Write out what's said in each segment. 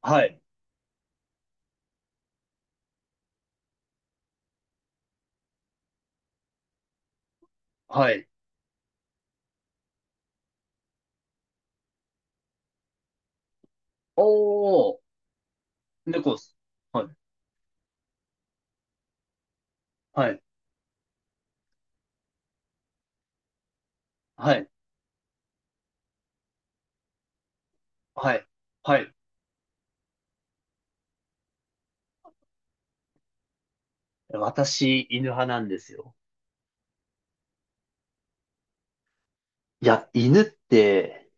はい。はい。おー、猫です。はい。はい。はい。はい。はい。私、犬派なんですよ。いや、犬って、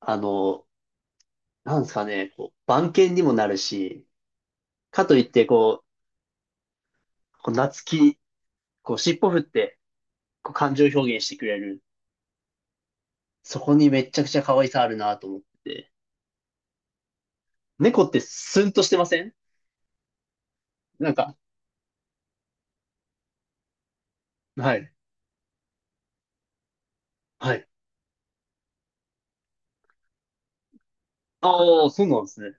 あの、なんですかね、こう、番犬にもなるし、かといって、こう、こう懐き、こう、尻尾振って、こう、感情表現してくれる。そこにめっちゃくちゃ可愛さあるなと思ってて。猫ってスンとしてません？なんか、はい。はい。ああ、そうなんですね。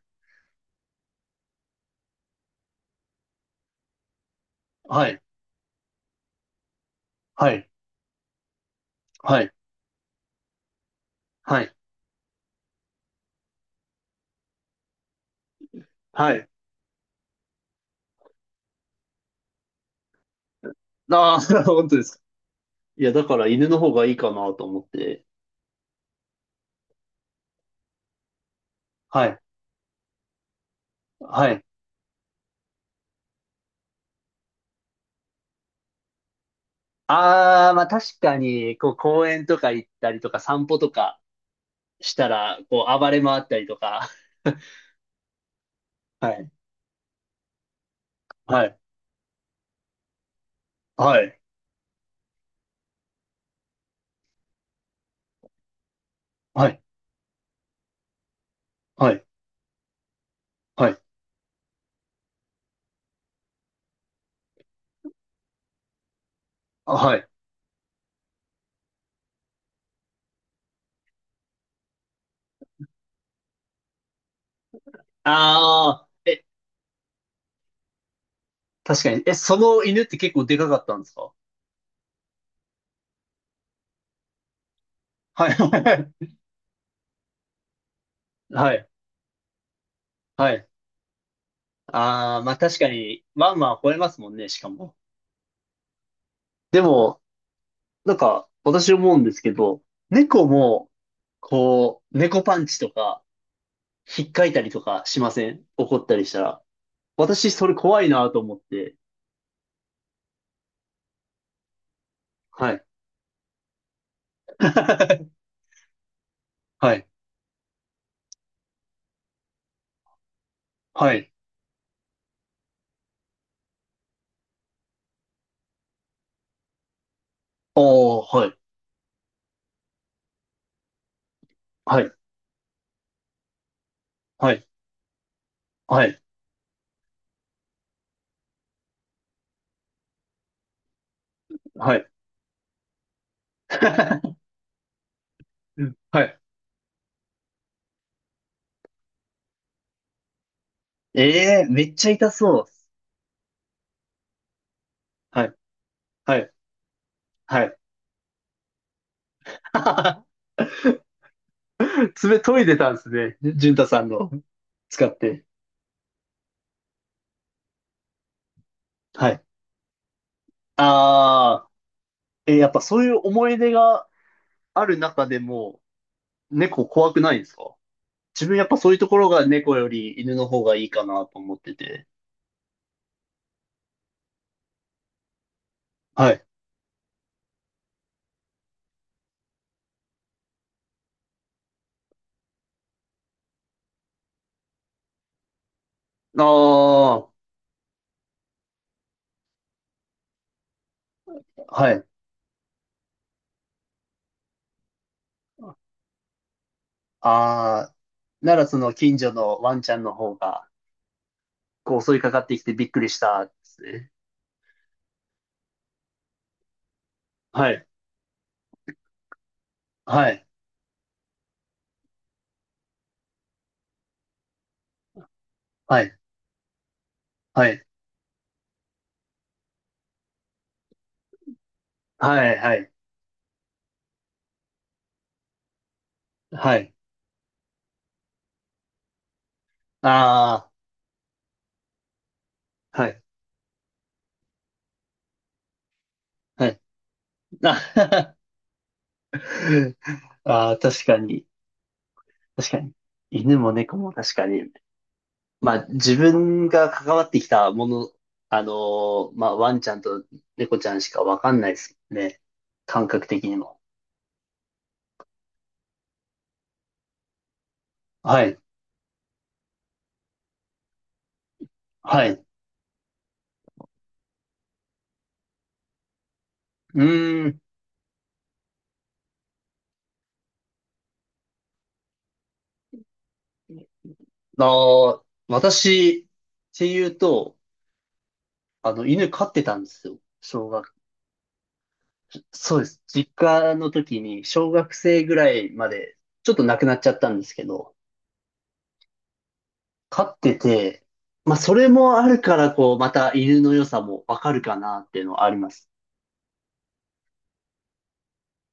はい。はい。はい。はい。はい。ああ、本当です。いや、だから犬の方がいいかなと思って。はい。はい。ああ、まあ確かに、こう公園とか行ったりとか散歩とかしたら、こう暴れ回ったりとか。はい。はい。はい。はい。はい。はい。はい。ああ、え、確かに。え、その犬って結構でかかったんですか？はい。はい。はい。ああ、まあ確かに、ワンワン吠えますもんね、しかも。でも、なんか、私思うんですけど、猫も、こう、猫パンチとか、引っかいたりとかしません？怒ったりしたら。私、それ怖いなと思って。はい。はい。はい。おー、はい。はい。はい。はい。はい。うん、はい。ええー、めっちゃ痛そう。はい。はい。はい。爪研いでたんですね。じゅんたさんの使って。はい。ああ、えーやっぱそういう思い出がある中でも、猫怖くないんですか？自分やっぱそういうところが猫より犬の方がいいかなと思ってて。はい。ああ、はい。ああ、ならその近所のワンちゃんの方が、こう襲いかかってきてびっくりしたですね。はい。はい。はい。はい。はい。はい。はい。ああ、はい。はい。あ、 あー、確かに。確かに。犬も猫も確かに。まあ、自分が関わってきたもの、あのーまあ、ワンちゃんと猫ちゃんしかわかんないですね。感覚的にも。はい。はい。うーん。あー、私、っていうと、あの、犬飼ってたんですよ。小学、そうです。実家の時に、小学生ぐらいまで、ちょっと亡くなっちゃったんですけど、飼ってて、まあ、それもあるから、こう、また犬の良さもわかるかなっていうのはあります。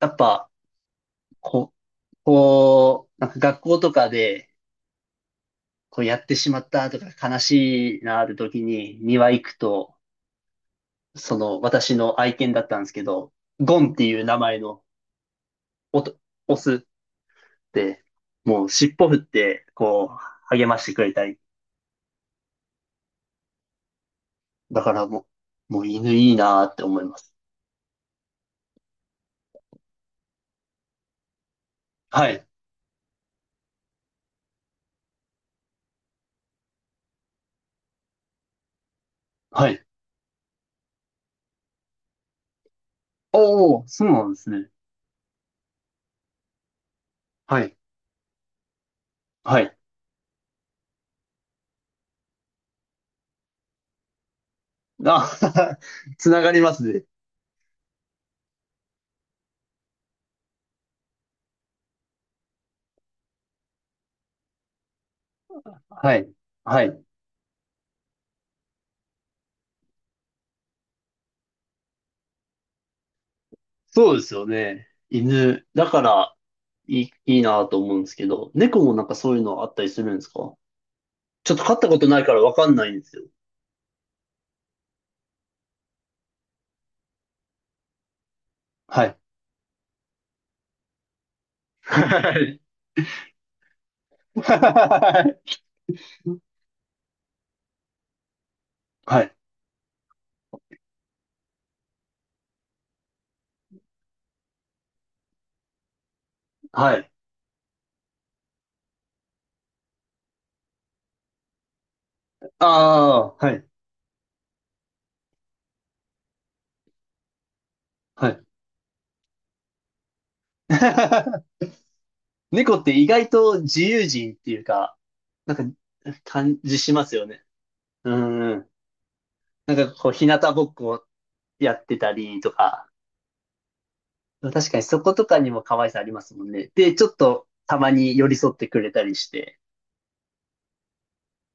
やっぱ、こ、こう、なんか学校とかで、こうやってしまったとか悲しいなある時に庭行くと、その私の愛犬だったんですけど、ゴンっていう名前のおと、オスって、もう尻尾振って、こう、励ましてくれたり。だからもう、もう犬いいなあって思います。はい。はい。おお、そうなんですね。はい。はい。あ、つながりますね。はい。はい。そうですよね。犬。だから、いいなと思うんですけど、猫もなんかそういうのあったりするんですか？ちょっと飼ったことないからわかんないんですよ。はい。はい。はい。はい。はい、ああー、はい。はい。猫って意外と自由人っていうか、なんか感じしますよね。うん。なんかこう、日向ぼっこやってたりとか、確かにそことかにも可愛さありますもんね。で、ちょっとたまに寄り添ってくれたりして、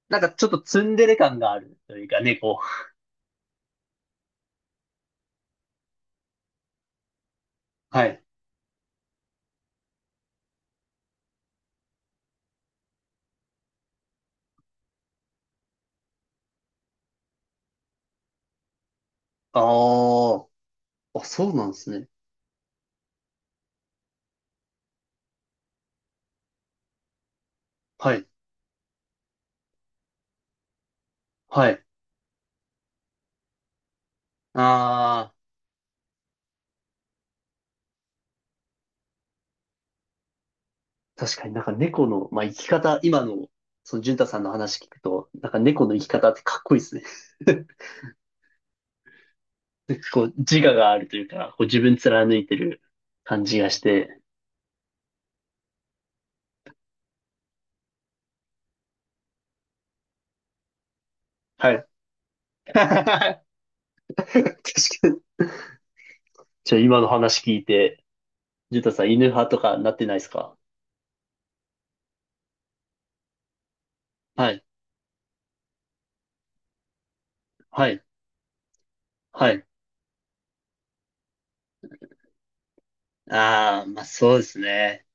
なんかちょっとツンデレ感があるというか、猫。はい。ああ、あ、そうなんですね。はい。はい。ああ、確かになんか猫の、まあ、生き方、今の、その、淳太さんの話聞くと、なんか猫の生き方ってかっこいいですね。こう、自我があるというか、こう自分貫いてる感じがして。はい。確かに。じゃあ今の話聞いて、淳太さん犬派とかなってないですか？はい。はい。はい。ああ、まあそうですね。